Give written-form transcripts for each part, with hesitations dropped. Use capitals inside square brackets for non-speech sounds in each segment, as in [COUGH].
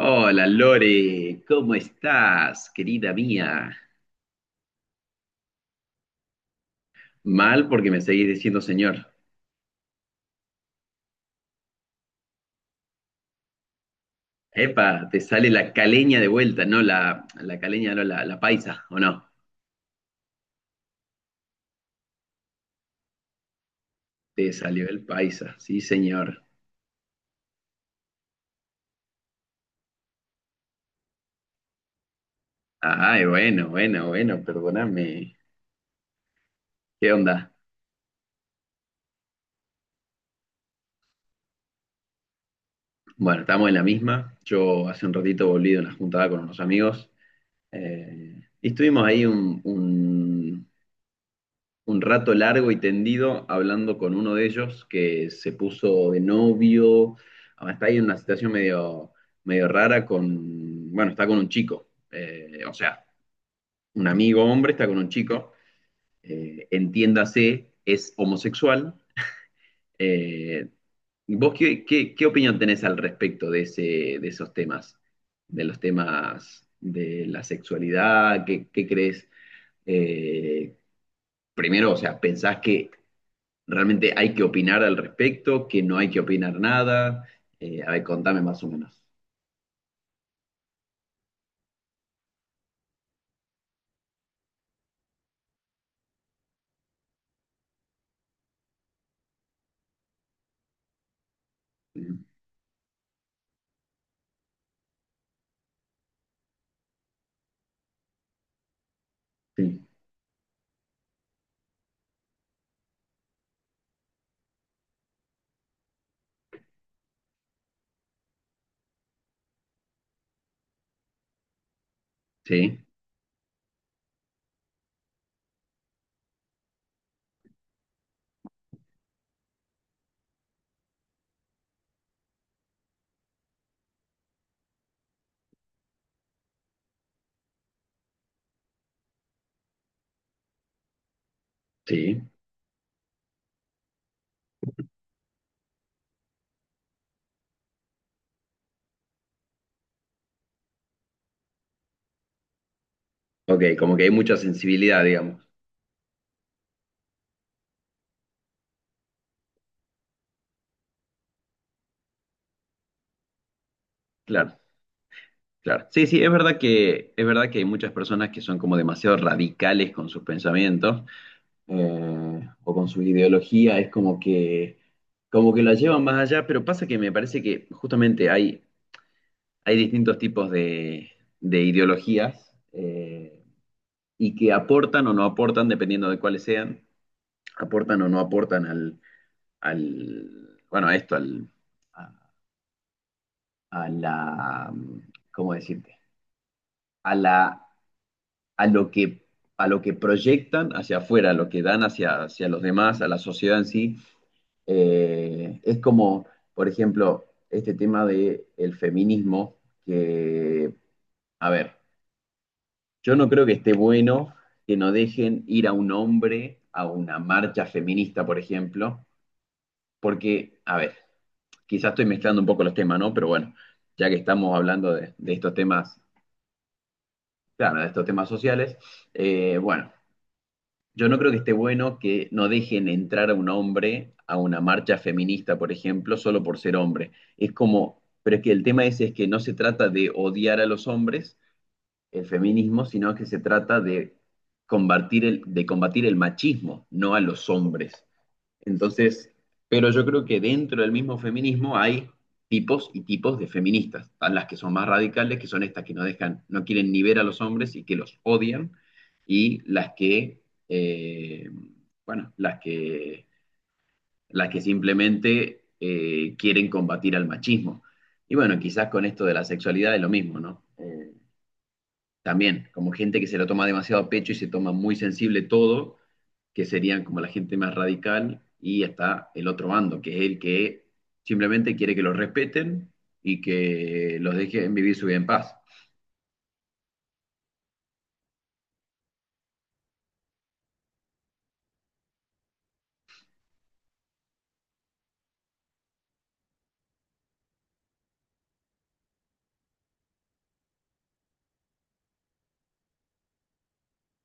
Hola Lore, ¿cómo estás, querida mía? Mal porque me seguís diciendo señor. Epa, te sale la caleña de vuelta, no la caleña, no la paisa, ¿o no? Te salió el paisa, sí señor. Ay, bueno, bueno, bueno, perdóname. ¿Qué onda? Bueno, estamos en la misma. Yo hace un ratito volví de una juntada con unos amigos y estuvimos ahí un rato largo y tendido hablando con uno de ellos que se puso de novio, está ahí en una situación medio rara con, bueno, está con un chico, o sea, un amigo hombre está con un chico, entiéndase, es homosexual. eh, ¿Vos qué opinión tenés al respecto de ese, de esos temas, de los temas de la sexualidad? ¿Qué crees? Eh, primero, o sea, ¿pensás que ¿Realmente hay que opinar al respecto? ¿Que no hay que opinar nada? A ver, contame más o menos. Sí, sí, sí. Ok, como que hay mucha sensibilidad, digamos. Claro, claro. Sí, sí, es verdad que hay muchas personas que son como demasiado radicales con sus pensamientos o con su ideología. Como que la llevan más allá, pero pasa que me parece que justamente hay distintos tipos de ideologías. Y que aportan o no aportan, dependiendo de cuáles sean, aportan o no aportan al bueno, a esto, al, a, a la, ¿cómo decirte? A, la, a, lo que, a lo que proyectan hacia afuera, a lo que dan hacia los demás, a la sociedad en sí. Es como, por ejemplo, este tema del el feminismo, que, a ver, yo no creo que esté bueno que no dejen ir a un hombre a una marcha feminista, por ejemplo, porque, a ver, quizás estoy mezclando un poco los temas, ¿no? Pero bueno, ya que estamos hablando de estos temas, claro, de estos temas sociales, bueno, yo no creo que esté bueno que no dejen entrar a un hombre a una marcha feminista, por ejemplo, solo por ser hombre. Es como, pero es que el tema ese es que no se trata de odiar a los hombres, el feminismo, sino que se trata de de combatir el machismo, no a los hombres. Entonces, pero yo creo que dentro del mismo feminismo hay tipos y tipos de feministas. Están las que son más radicales, que son estas que no dejan, no quieren ni ver a los hombres y que los odian, y eh, bueno, las que las que simplemente quieren combatir al machismo. Y bueno, quizás con esto de la sexualidad es lo mismo, ¿no? También, como gente que se lo toma demasiado a pecho y se toma muy sensible todo, que serían como la gente más radical, y está el otro bando, que es el que simplemente quiere que los respeten y que los dejen vivir su vida en paz.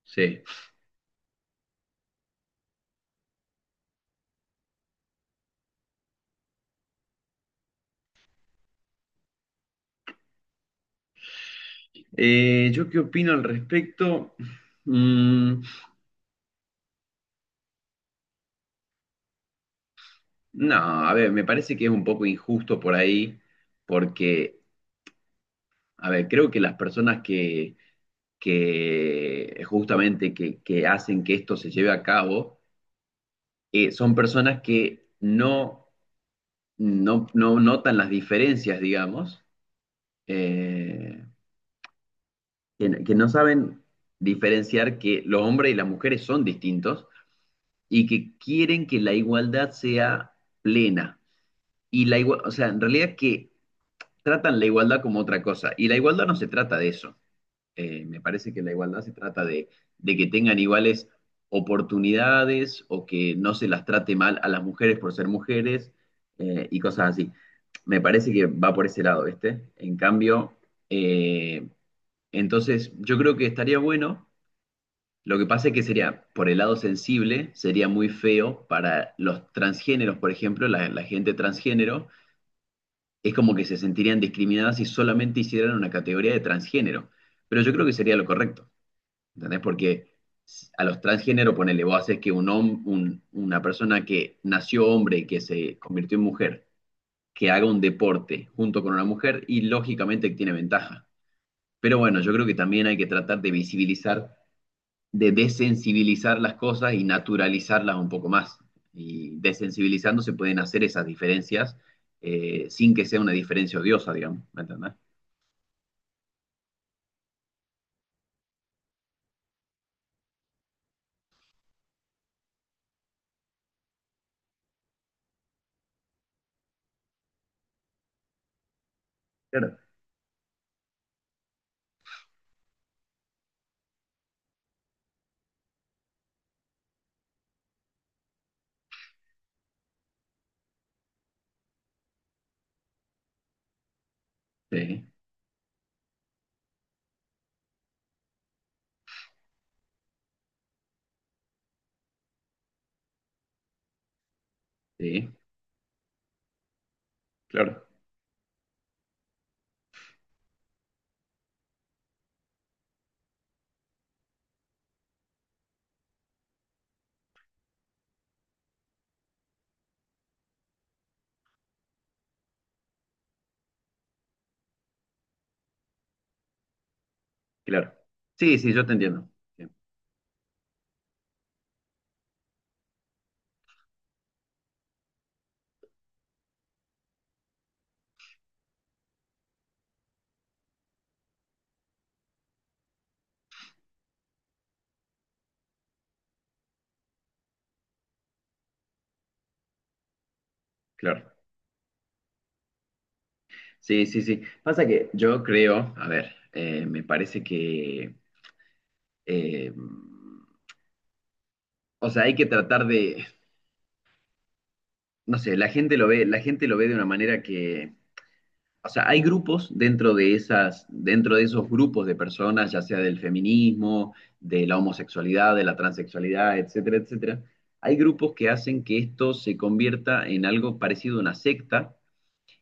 Sí. ¿Yo qué opino al respecto? Mm, no, a ver, me parece que es un poco injusto por ahí, porque, a ver, creo que que justamente que hacen que esto se lleve a cabo, son personas que no notan las diferencias, digamos, eh, que no saben diferenciar que los hombres y las mujeres son distintos y que quieren que la igualdad sea plena. Y la igua- o sea, en realidad que tratan la igualdad como otra cosa. Y la igualdad no se trata de eso. Me parece que la igualdad se trata de que tengan iguales oportunidades o que no se las trate mal a las mujeres por ser mujeres y cosas así. Me parece que va por ese lado, ¿viste? En cambio, eh, entonces yo creo que estaría bueno. Lo que pasa es que sería, por el lado sensible, sería muy feo para los transgéneros, por ejemplo, la gente transgénero, es como que se sentirían discriminadas si solamente hicieran una categoría de transgénero. Pero yo creo que sería lo correcto. ¿Entendés? Porque a los transgénero, ponele, vos haces que un, hom- un- una persona que nació hombre y que se convirtió en mujer, que haga un deporte junto con una mujer y lógicamente tiene ventaja. Pero bueno, yo creo que también hay que tratar de visibilizar, de desensibilizar las cosas y naturalizarlas un poco más. Y desensibilizando se pueden hacer esas diferencias sin que sea una diferencia odiosa, digamos, ¿me entendés? Claro, sí, sí, claro, claro, sí, sí, yo te entiendo. Sí, claro. Sí, sí, sí. Pasa que yo creo, a ver, me parece que, eh, o sea, hay que tratar de, no sé, la gente lo ve, la gente lo ve de una manera que, o sea, hay grupos dentro de esas, dentro de esos grupos de personas, ya sea del feminismo, de la homosexualidad, de la transexualidad, etcétera, etcétera. Hay grupos que hacen que esto se convierta en algo parecido a una secta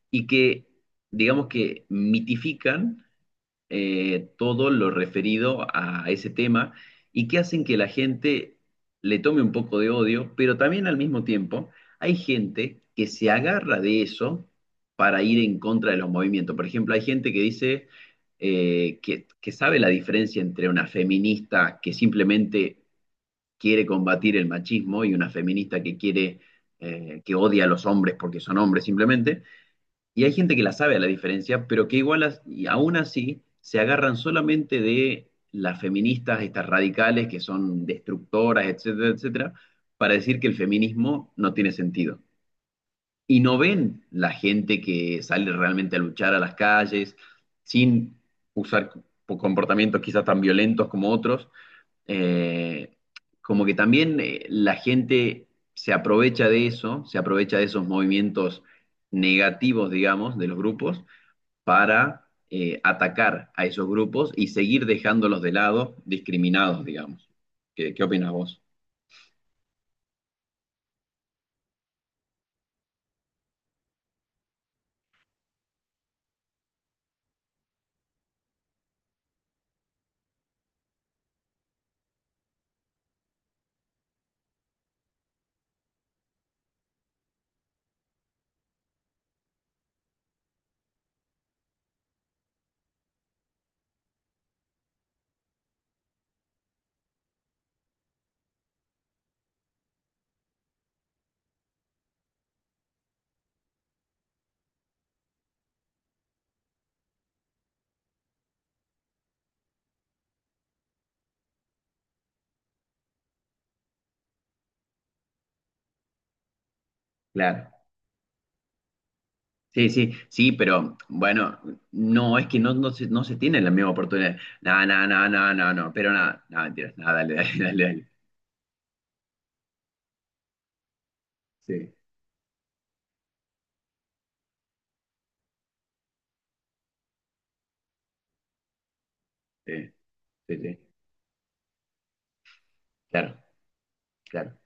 y que, digamos que mitifican todo lo referido a ese tema y que hacen que la gente le tome un poco de odio, pero también al mismo tiempo hay gente que se agarra de eso para ir en contra de los movimientos. Por ejemplo, hay gente que dice que sabe la diferencia entre una feminista que simplemente quiere combatir el machismo y una feminista que quiere, que odia a los hombres porque son hombres simplemente y hay gente que la sabe a la diferencia, pero que igual as- y aún así se agarran solamente de las feministas, estas radicales que son destructoras, etcétera, etcétera, para decir que el feminismo no tiene sentido. Y no ven la gente que sale realmente a luchar a las calles sin usar co- comportamientos quizás tan violentos como otros. Eh, como que también la gente se aprovecha de eso, se aprovecha de esos movimientos negativos, digamos, de los grupos para atacar a esos grupos y seguir dejándolos de lado, discriminados, digamos. ¿Qué opinas vos? Claro. Sí, sí, sí, pero bueno, no, es que no no se tiene la misma oportunidad. No, no, no, no, no, no, pero nada, no, mentiras, nada, dale, dale, [LAUGHS] dale, dale. Sí, sí, sí, sí, claro, claro,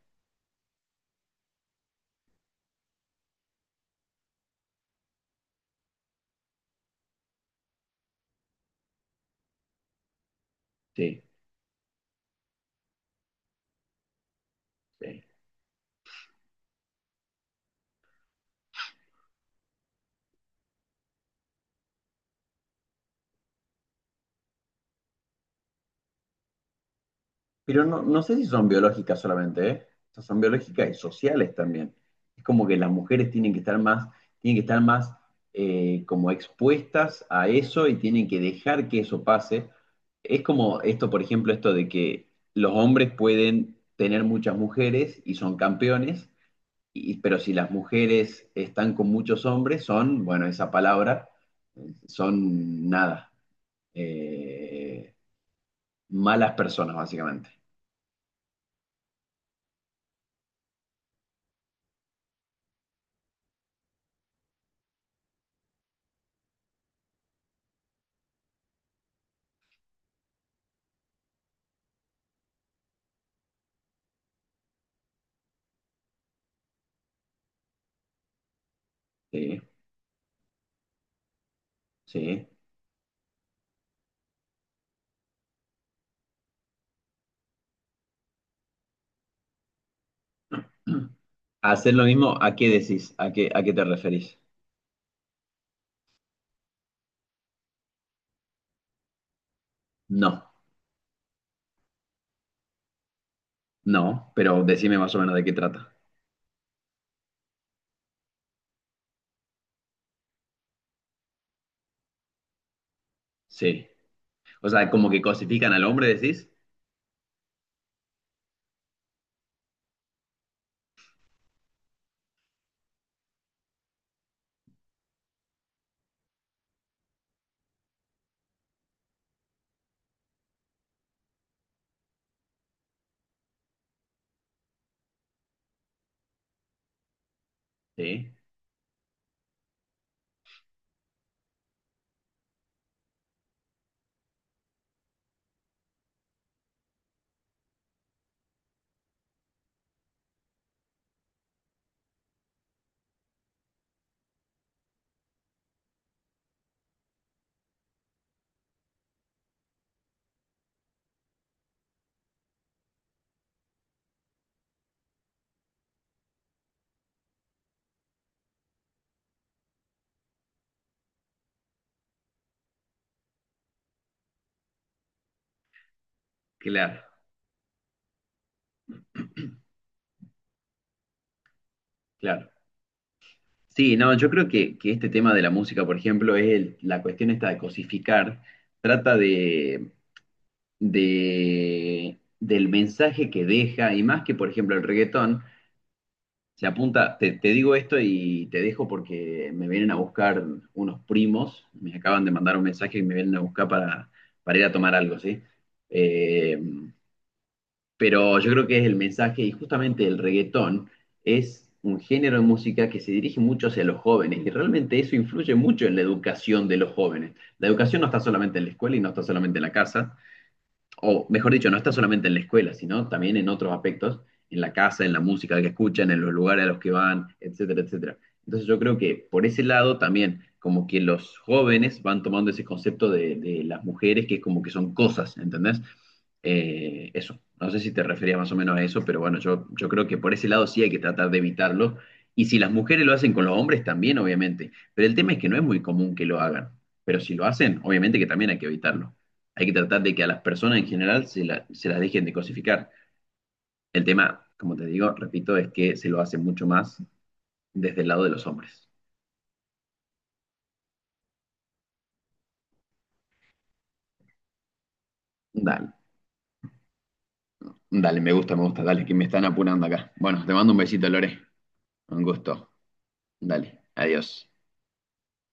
sí, sí. Pero no, no sé si son biológicas solamente, ¿eh? O sea, son biológicas y sociales también. Es como que las mujeres tienen que estar más como expuestas a eso y tienen que dejar que eso pase. Es como esto, por ejemplo, esto de que los hombres pueden tener muchas mujeres y son campeones, y- pero si las mujeres están con muchos hombres, son, bueno, esa palabra, son nada, eh, malas personas, básicamente. Sí, sí. Hacer lo mismo, ¿a qué decís? ¿A qué te referís? No, no, pero decime más o menos de qué trata. Sí. O sea, como que cosifican al hombre, decís. Sí, claro, claro. Sí, no, yo creo que este tema de la música, por ejemplo, es el- la cuestión esta de cosificar, trata de, del mensaje que deja, y más que, por ejemplo, el reggaetón, Se apunta, te digo esto y te dejo porque me vienen a buscar unos primos, me acaban de mandar un mensaje y me vienen a buscar para ir a tomar algo, ¿sí? Eh, pero yo creo que es el mensaje y justamente el reggaetón es un género de música que se dirige mucho hacia los jóvenes y realmente eso influye mucho en la educación de los jóvenes. La educación no está solamente en la escuela y no está solamente en la casa, o mejor dicho, no está solamente en la escuela, sino también en otros aspectos, en la casa, en la música que escuchan, en los lugares a los que van, etcétera, etcétera. Entonces yo creo que por ese lado también, como que los jóvenes van tomando ese concepto de las mujeres, que es como que son cosas, ¿entendés? Eso, no sé si te referías más o menos a eso, pero bueno, yo creo que por ese lado sí hay que tratar de evitarlo. Y si las mujeres lo hacen con los hombres también, obviamente. Pero el tema es que no es muy común que lo hagan. Pero si lo hacen, obviamente que también hay que evitarlo hay que tratar de que a las personas en general la- se las dejen de cosificar. El tema, como te digo, repito, es que se lo hace mucho más desde el lado de los hombres. Dale, dale, me gusta, dale, que me están apurando acá. Bueno, te mando un besito, Lore. Un gusto. Dale, adiós.